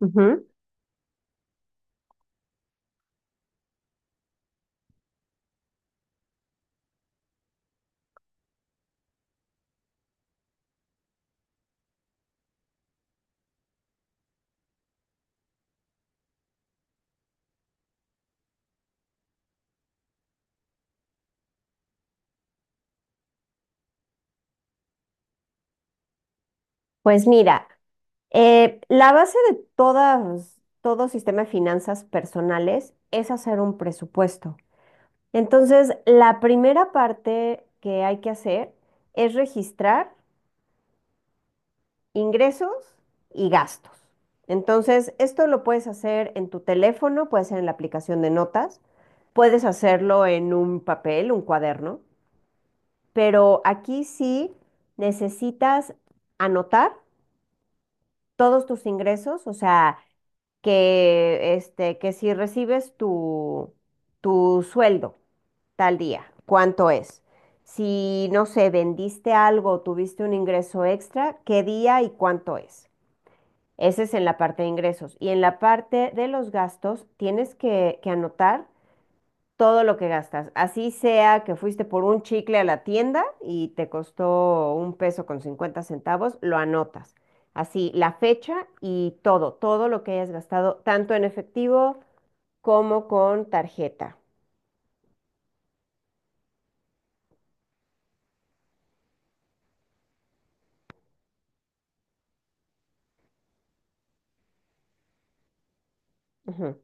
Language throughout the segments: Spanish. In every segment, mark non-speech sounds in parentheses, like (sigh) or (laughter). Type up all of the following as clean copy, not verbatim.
Ujú. Pues mira, la base de todo sistema de finanzas personales es hacer un presupuesto. Entonces, la primera parte que hay que hacer es registrar ingresos y gastos. Entonces, esto lo puedes hacer en tu teléfono, puede ser en la aplicación de notas, puedes hacerlo en un papel, un cuaderno, pero aquí sí necesitas anotar todos tus ingresos, o sea, que si recibes tu sueldo tal día, ¿cuánto es? Si, no sé, vendiste algo, tuviste un ingreso extra, ¿qué día y cuánto es? Ese es en la parte de ingresos. Y en la parte de los gastos, tienes que anotar todo lo que gastas. Así sea que fuiste por un chicle a la tienda y te costó un peso con 50 centavos, lo anotas. Así, la fecha y todo, todo lo que hayas gastado, tanto en efectivo como con tarjeta. Ujú.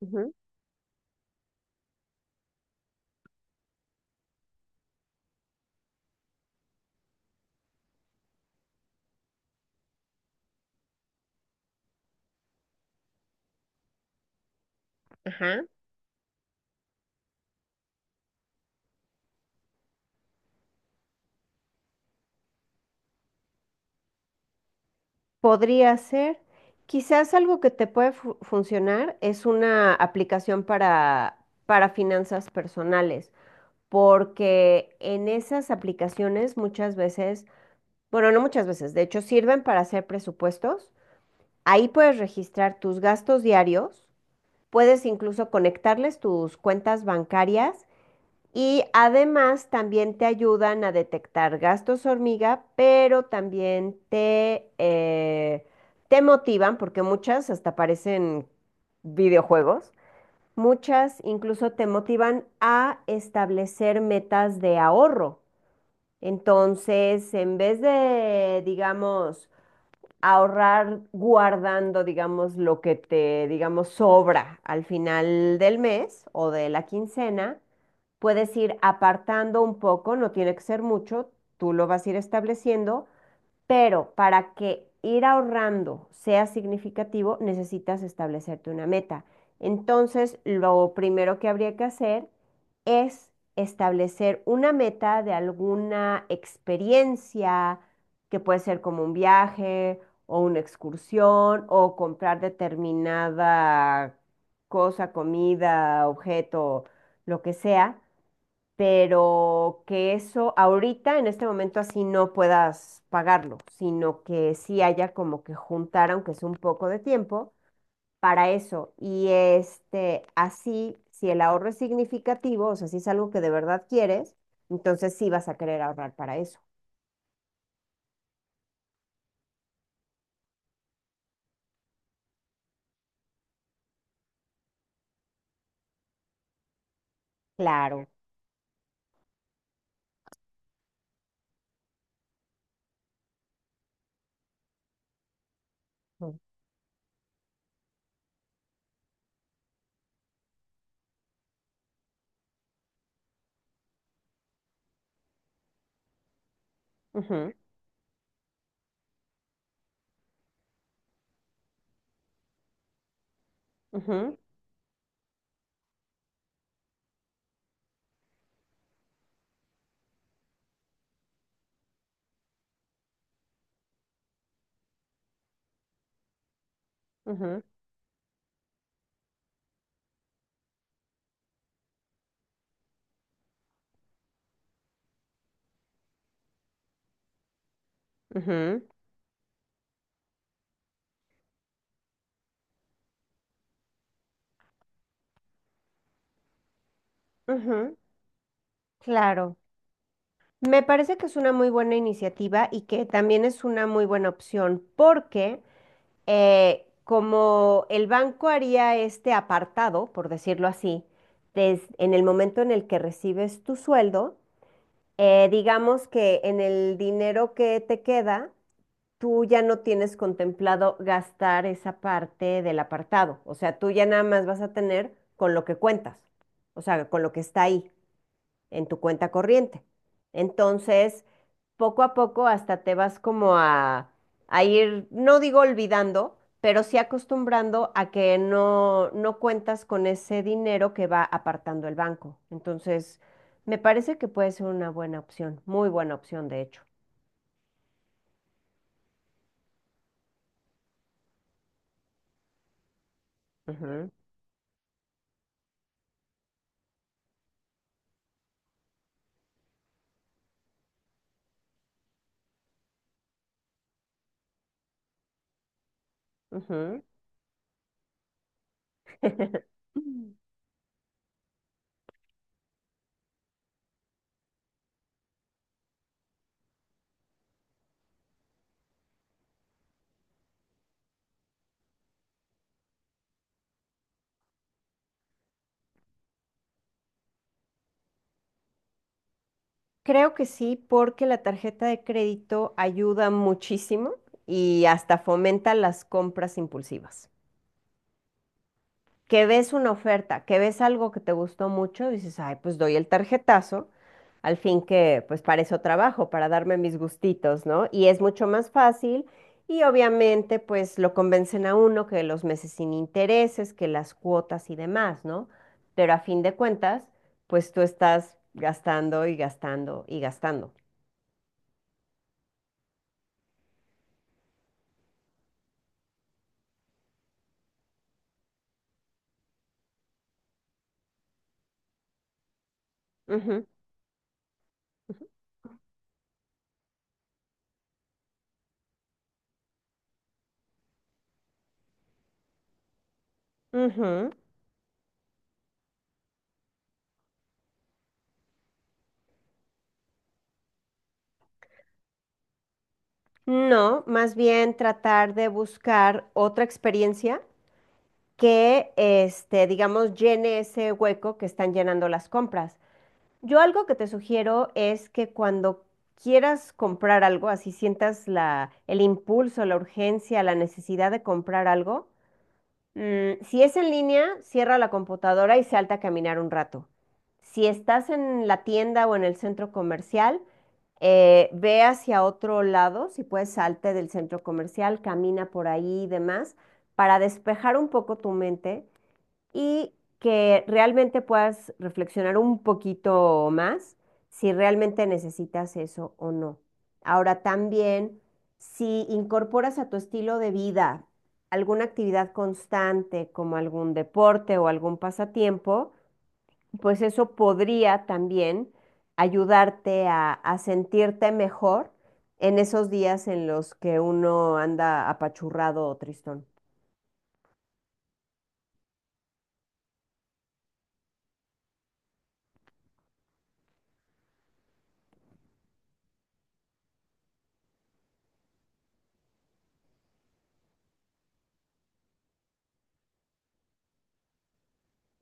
Ujú. Ajá. Podría ser, quizás algo que te puede funcionar es una aplicación para finanzas personales, porque en esas aplicaciones muchas veces, bueno, no muchas veces. De hecho, sirven para hacer presupuestos. Ahí puedes registrar tus gastos diarios, puedes incluso conectarles tus cuentas bancarias y además también te ayudan a detectar gastos hormiga, pero también te motivan, porque muchas hasta parecen videojuegos. Muchas incluso te motivan a establecer metas de ahorro. Entonces, en vez de, digamos, ahorrar guardando, digamos, lo que te, digamos, sobra al final del mes o de la quincena. Puedes ir apartando un poco, no tiene que ser mucho, tú lo vas a ir estableciendo, pero para que ir ahorrando sea significativo, necesitas establecerte una meta. Entonces, lo primero que habría que hacer es establecer una meta de alguna experiencia, que puede ser como un viaje o una excursión o comprar determinada cosa, comida, objeto, lo que sea, pero que eso ahorita, en este momento, así no puedas pagarlo, sino que sí haya como que juntar, aunque es un poco de tiempo, para eso. Y este, así, si el ahorro es significativo, o sea, si es algo que de verdad quieres, entonces sí vas a querer ahorrar para eso. Claro. Ujú, ujú, ujú, ujú, ujú, ujú. Claro. Me parece que es una muy buena iniciativa y que también es una muy buena opción porque como el banco haría este apartado, por decirlo así, en el momento en el que recibes tu sueldo, digamos que en el dinero que te queda, tú ya no tienes contemplado gastar esa parte del apartado. O sea, tú ya nada más vas a tener con lo que cuentas, o sea, con lo que está ahí en tu cuenta corriente. Entonces, poco a poco hasta te vas como a ir, no digo olvidando, pero sí acostumbrando a que no, no cuentas con ese dinero que va apartando el banco. Entonces, me parece que puede ser una buena opción, muy buena opción, de hecho. Ujú, ujú. (laughs) Creo que sí, porque la tarjeta de crédito ayuda muchísimo y hasta fomenta las compras impulsivas. Que ves una oferta, que ves algo que te gustó mucho, dices, ay, pues doy el tarjetazo, al fin que pues para eso trabajo, para darme mis gustitos, ¿no? Y es mucho más fácil y obviamente pues lo convencen a uno que los meses sin intereses, que las cuotas y demás, ¿no? Pero a fin de cuentas, pues tú estás gastando y gastando y gastando. Ujú, ujú. No, más bien tratar de buscar otra experiencia que, este, digamos, llene ese hueco que están llenando las compras. Yo algo que te sugiero es que cuando quieras comprar algo, así sientas la, el impulso, la urgencia, la necesidad de comprar algo, si es en línea, cierra la computadora y salta a caminar un rato. Si estás en la tienda o en el centro comercial, ve hacia otro lado, si puedes salte del centro comercial, camina por ahí y demás, para despejar un poco tu mente y que realmente puedas reflexionar un poquito más si realmente necesitas eso o no. Ahora también, si incorporas a tu estilo de vida alguna actividad constante como algún deporte o algún pasatiempo, pues eso podría también ayudarte a sentirte mejor en esos días en los que uno anda apachurrado o tristón.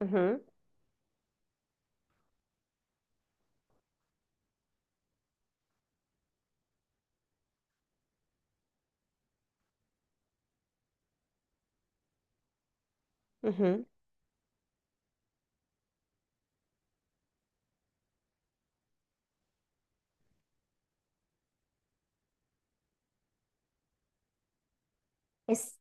Ujú, ujú. Es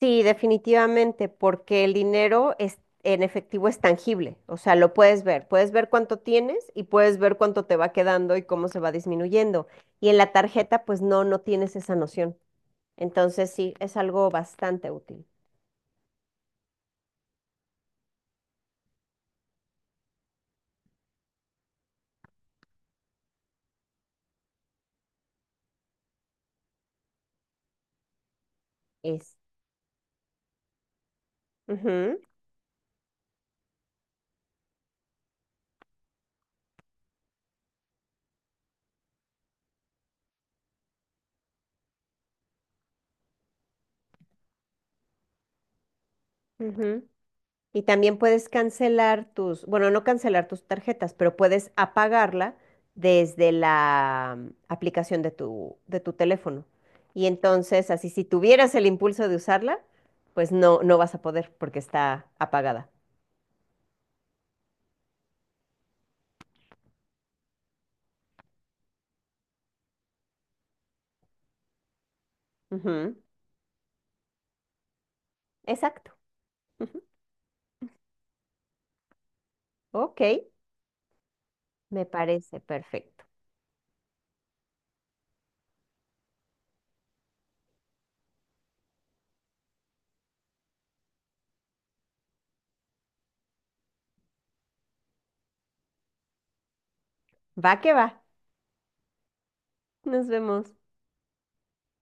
Sí, definitivamente, porque el dinero es, en efectivo es tangible, o sea, lo puedes ver cuánto tienes y puedes ver cuánto te va quedando y cómo se va disminuyendo. Y en la tarjeta, pues no, no tienes esa noción. Entonces, sí, es algo bastante útil. Es. Ujú, ujú. Y también puedes cancelar tus, bueno, no cancelar tus tarjetas, pero puedes apagarla desde la aplicación de tu teléfono. Y entonces, así si tuvieras el impulso de usarla, pues no, no vas a poder porque está apagada. Ujú. Exacto. Ujú. Ok, me parece perfecto. Va que va. Nos vemos.